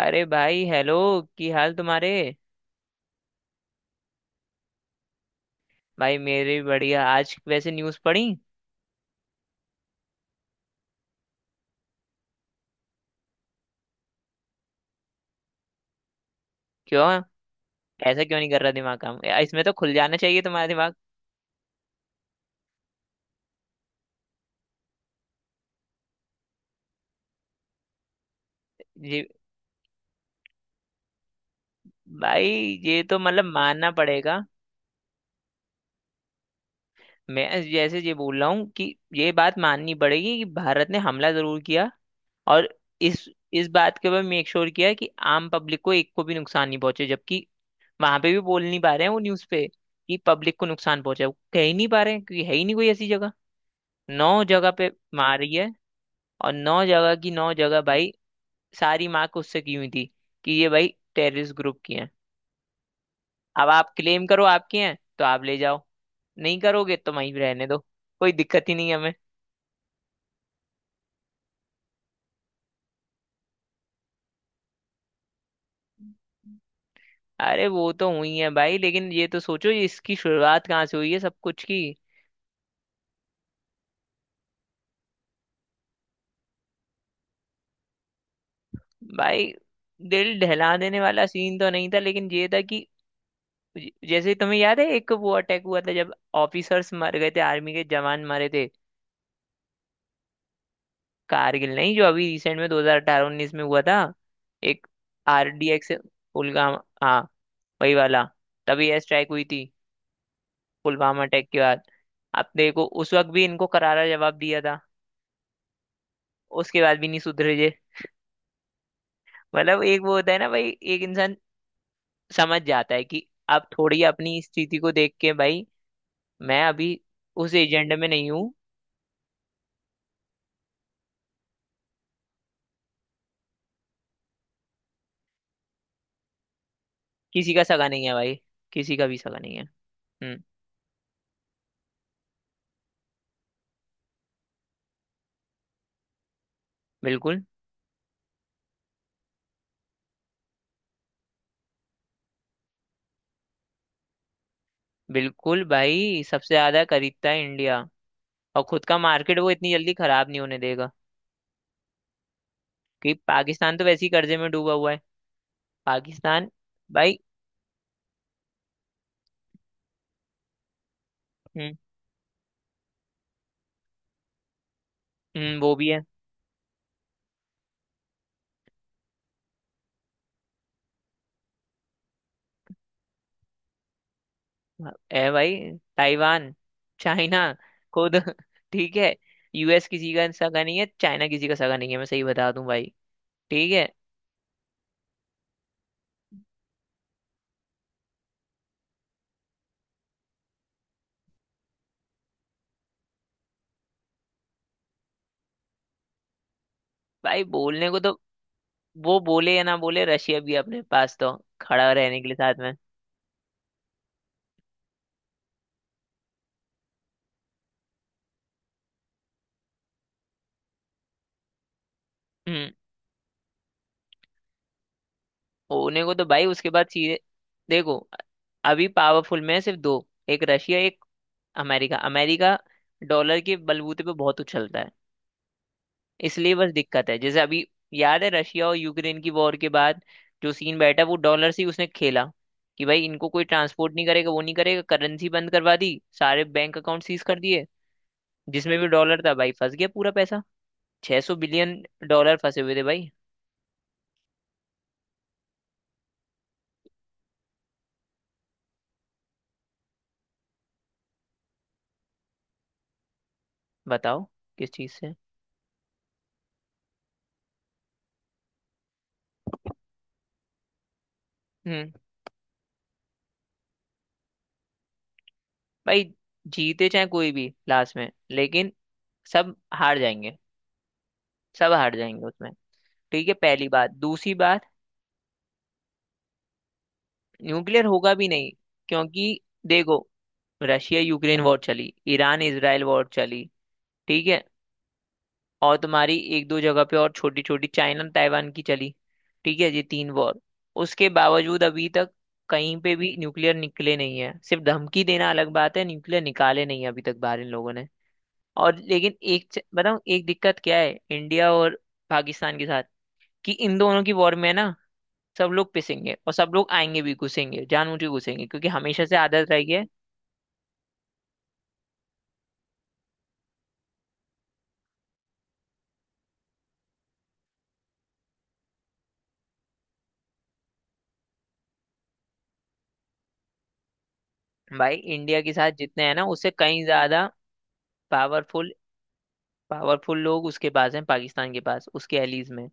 अरे भाई हेलो। की हाल तुम्हारे। भाई मेरे भी बढ़िया। आज वैसे न्यूज़ पढ़ी। क्यों ऐसा क्यों नहीं कर रहा दिमाग काम या, इसमें तो खुल जाना चाहिए तुम्हारा दिमाग। जी। भाई ये तो मतलब मानना पड़ेगा। मैं जैसे ये बोल रहा हूँ कि ये बात माननी पड़ेगी कि भारत ने हमला जरूर किया और इस इस बात के ऊपर मेक श्योर किया कि आम पब्लिक को एक को भी नुकसान नहीं पहुंचे, जबकि वहां पे भी बोल नहीं पा रहे हैं वो न्यूज़ पे कि पब्लिक को नुकसान पहुंचे, वो कह ही नहीं पा रहे हैं क्योंकि है ही नहीं कोई ऐसी जगह। नौ जगह पे मारी है और नौ जगह की नौ जगह भाई सारी मार्क उससे की हुई थी कि ये भाई टेररिस्ट ग्रुप की हैं। अब आप क्लेम करो आपकी हैं तो आप ले जाओ, नहीं करोगे तो वहीं रहने दो। कोई दिक्कत ही नहीं है हमें। अरे वो तो हुई है भाई, लेकिन ये तो सोचो ये इसकी शुरुआत कहाँ से हुई है सब कुछ की। भाई दिल दहला देने वाला सीन तो नहीं था, लेकिन ये था कि जैसे तुम्हें याद है एक वो अटैक हुआ था जब ऑफिसर्स मर गए थे, आर्मी के जवान मरे थे। कारगिल नहीं, जो अभी रिसेंट में 2018-19 में हुआ था। एक आरडीएक्स। पुलवामा, हाँ वही वाला। तभी एयर स्ट्राइक हुई थी पुलवामा अटैक के बाद। आप देखो उस वक्त भी इनको करारा जवाब दिया था। उसके बाद भी नहीं सुधरे जे। मतलब एक वो होता है ना भाई, एक इंसान समझ जाता है कि आप थोड़ी अपनी स्थिति को देख के भाई। मैं अभी उस एजेंडे में नहीं हूँ। किसी का सगा नहीं है भाई। किसी का भी सगा नहीं है। हम्म। बिल्कुल बिल्कुल भाई सबसे ज्यादा खरीदता है इंडिया। और खुद का मार्केट वो इतनी जल्दी खराब नहीं होने देगा। कि पाकिस्तान तो वैसे ही कर्जे में डूबा हुआ है। पाकिस्तान। भाई। हम्म, वो भी है। है भाई, ताइवान, चाइना खुद ठीक है। यूएस किसी का सगा नहीं है, चाइना किसी का सगा नहीं है, मैं सही बता दूं भाई। ठीक है। भाई बोलने को तो वो बोले या ना बोले, रशिया भी है अपने पास तो खड़ा रहने के लिए साथ में। हम्म। होने को तो भाई उसके बाद सीधे। देखो अभी पावरफुल में है सिर्फ दो, एक रशिया एक अमेरिका। अमेरिका डॉलर के बलबूते पे बहुत उछलता है। इसलिए बस दिक्कत है। जैसे अभी याद है रशिया और यूक्रेन की वॉर के बाद जो सीन बैठा वो डॉलर से ही उसने खेला, कि भाई इनको कोई ट्रांसपोर्ट नहीं करेगा, वो नहीं करेगा, करेंसी बंद करवा दी, सारे बैंक अकाउंट सीज कर दिए। जिसमें भी डॉलर था भाई फंस गया पूरा पैसा। 600 बिलियन डॉलर फंसे हुए थे भाई। बताओ किस चीज से। हम्म। भाई जीते चाहे कोई भी लास्ट में, लेकिन सब हार जाएंगे। सब हार जाएंगे उसमें। ठीक है, पहली बात। दूसरी बात, न्यूक्लियर होगा भी नहीं। क्योंकि देखो रशिया यूक्रेन वॉर चली, ईरान इसराइल वॉर चली, ठीक है, और तुम्हारी एक दो जगह पे और छोटी छोटी चाइना ताइवान की चली। ठीक है ये तीन वॉर। उसके बावजूद अभी तक कहीं पे भी न्यूक्लियर निकले नहीं है। सिर्फ धमकी देना अलग बात है, न्यूक्लियर निकाले नहीं है अभी तक बाहर इन लोगों ने। और लेकिन एक बताऊं एक दिक्कत क्या है इंडिया और पाकिस्तान के साथ। कि इन दोनों की वॉर में ना सब लोग पिसेंगे और सब लोग आएंगे भी, घुसेंगे, जानबूझ के घुसेंगे, क्योंकि हमेशा से आदत रही है। भाई इंडिया के साथ जितने हैं ना उससे कहीं ज्यादा पावरफुल, पावरफुल लोग उसके पास हैं पाकिस्तान के पास, उसके एलीज में।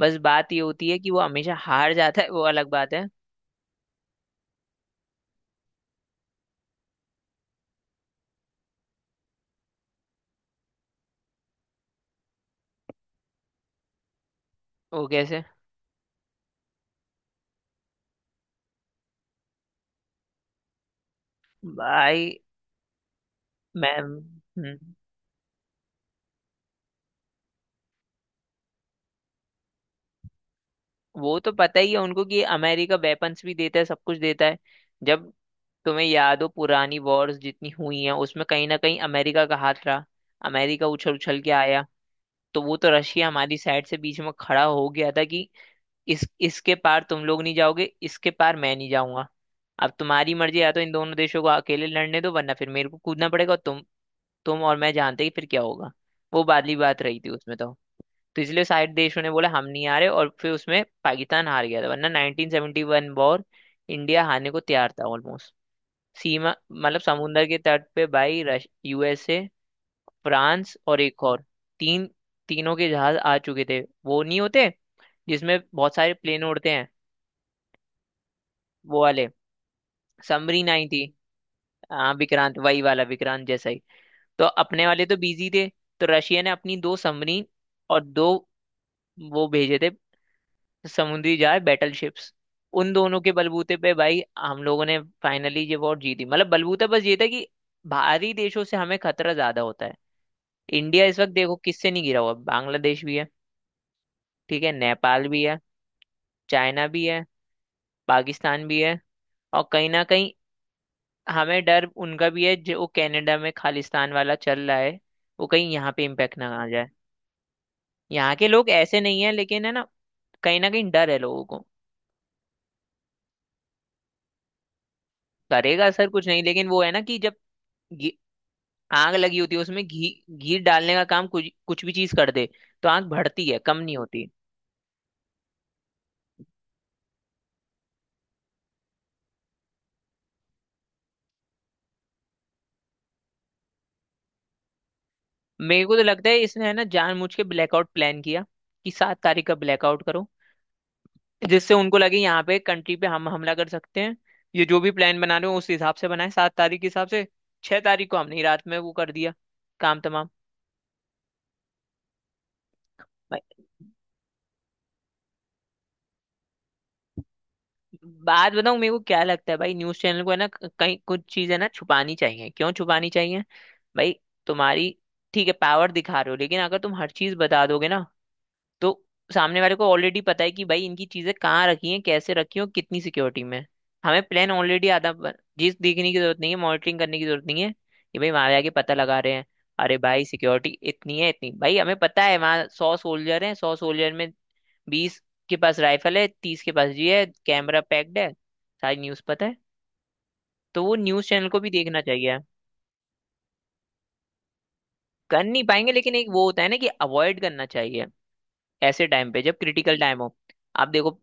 बस बात ये होती है कि वो हमेशा हार जाता है, वो अलग बात है। वो कैसे। भाई। मैम। हम्म, वो तो पता ही है उनको कि अमेरिका वेपन्स भी देता है, सब कुछ देता है। जब तुम्हें याद हो पुरानी वॉर्स जितनी हुई हैं उसमें कहीं ना कहीं अमेरिका का हाथ रहा, अमेरिका उछल उछल के आया। तो वो तो रशिया हमारी साइड से बीच में खड़ा हो गया था कि इस इसके पार तुम लोग नहीं जाओगे, इसके पार मैं नहीं जाऊंगा। अब तुम्हारी मर्जी, या तो इन दोनों देशों को अकेले लड़ने दो वरना फिर मेरे को कूदना पड़ेगा, और तुम और मैं जानते ही फिर क्या होगा। वो वाली बात रही थी उसमें तो। तो इसलिए साइड देशों ने बोला हम नहीं आ रहे, और फिर उसमें पाकिस्तान हार गया था, वरना 1971 वॉर इंडिया हारने को तैयार था ऑलमोस्ट। सीमा मतलब समुंदर के तट पे भाई रश, यूएसए, फ्रांस और एक और। तीन, तीनों के जहाज आ चुके थे। वो नहीं होते जिसमें बहुत सारे प्लेन उड़ते हैं, वो वाले। समरी 90। हाँ विक्रांत वही वाला, विक्रांत जैसा ही। तो अपने वाले तो बिजी थे। तो रशिया ने अपनी दो समरी और दो वो भेजे थे, समुद्री जहाज बैटल शिप्स। उन दोनों के बलबूते पे भाई हम लोगों ने फाइनली ये वॉर जीती। मतलब बलबूता बस ये था कि बाहरी देशों से हमें खतरा ज्यादा होता है। इंडिया इस वक्त देखो किससे नहीं घिरा हुआ। बांग्लादेश भी है, ठीक है, नेपाल भी है, चाइना भी है, पाकिस्तान भी है। और कहीं ना कहीं हमें डर उनका भी है जो वो कनाडा में खालिस्तान वाला चल रहा है, वो कहीं यहाँ पे इम्पेक्ट ना आ जाए। यहाँ के लोग ऐसे नहीं है लेकिन है ना, कहीं ना कहीं डर है लोगों को। करेगा असर कुछ नहीं, लेकिन वो है ना कि जब घी- आग लगी होती है उसमें घी, घी डालने का काम कुछ कुछ भी चीज कर दे, तो आग बढ़ती है, कम नहीं होती। मेरे को तो लगता है इसने है ना जानबूझ के ब्लैकआउट प्लान किया, कि सात तारीख का ब्लैकआउट करो जिससे उनको लगे यहाँ पे कंट्री पे हम हमला कर सकते हैं। ये जो भी प्लान बना रहे हो उस हिसाब से बनाए, सात तारीख के हिसाब से। छह तारीख को हमने ही रात में वो कर दिया, काम तमाम। भाई, बात बताऊं मेरे को क्या लगता है। भाई न्यूज चैनल को है ना कई कुछ चीजें ना छुपानी चाहिए, क्यों छुपानी चाहिए। भाई तुम्हारी, ठीक है पावर दिखा रहे हो, लेकिन अगर तुम हर चीज बता दोगे ना तो सामने वाले को ऑलरेडी पता है कि भाई इनकी चीजें कहाँ रखी हैं, कैसे रखी हैं और कितनी सिक्योरिटी में। हमें प्लान ऑलरेडी आधा चीज देखने की जरूरत नहीं है, मॉनिटरिंग करने की जरूरत नहीं है कि भाई वहां जाके पता लगा रहे हैं। अरे भाई सिक्योरिटी इतनी है, इतनी भाई हमें पता है वहाँ सौ सोल्जर हैं, सौ सोल्जर में बीस के पास राइफल है, तीस के पास जी है, कैमरा पैक्ड है। सारी न्यूज पता है, तो वो न्यूज चैनल को भी देखना चाहिए। कर नहीं पाएंगे, लेकिन एक वो होता है ना कि अवॉइड करना चाहिए ऐसे टाइम पे, जब क्रिटिकल टाइम हो। आप देखो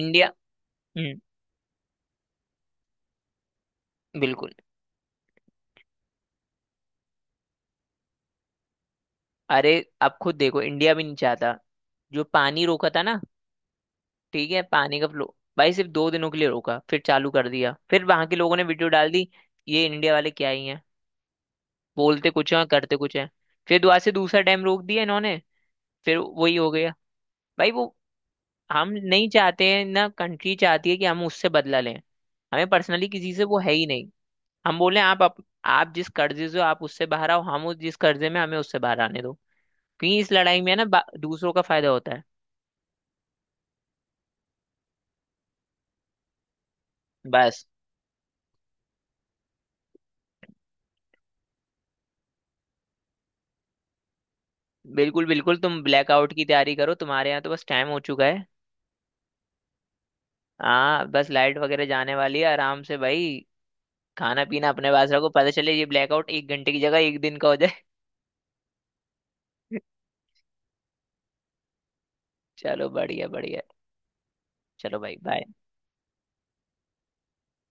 इंडिया। हम्म। बिल्कुल। अरे आप खुद देखो इंडिया भी नहीं चाहता। जो पानी रोका था ना, ठीक है, पानी का फ्लो भाई सिर्फ दो दिनों के लिए रोका फिर चालू कर दिया, फिर वहां के लोगों ने वीडियो डाल दी ये इंडिया वाले क्या ही हैं, बोलते कुछ हैं करते कुछ हैं। फिर दोबारा से दूसरा डैम रोक दिया इन्होंने, फिर वही हो गया। भाई वो हम नहीं चाहते हैं, ना कंट्री चाहती है कि हम उससे बदला लें। हमें पर्सनली किसी से वो है ही नहीं। हम बोले आप जिस कर्जे से हो आप उससे बाहर आओ, हम उस जिस कर्जे में हमें उससे बाहर आने दो। क्योंकि इस लड़ाई में है ना दूसरों का फायदा होता है। बस। बिल्कुल बिल्कुल, तुम ब्लैकआउट की तैयारी करो, तुम्हारे यहाँ तो बस टाइम हो चुका है। हाँ बस लाइट वगैरह जाने वाली है आराम से भाई। खाना पीना अपने पास रखो, पता चले ये ब्लैकआउट एक घंटे की जगह एक दिन का हो जाए। चलो बढ़िया बढ़िया। चलो भाई बाय।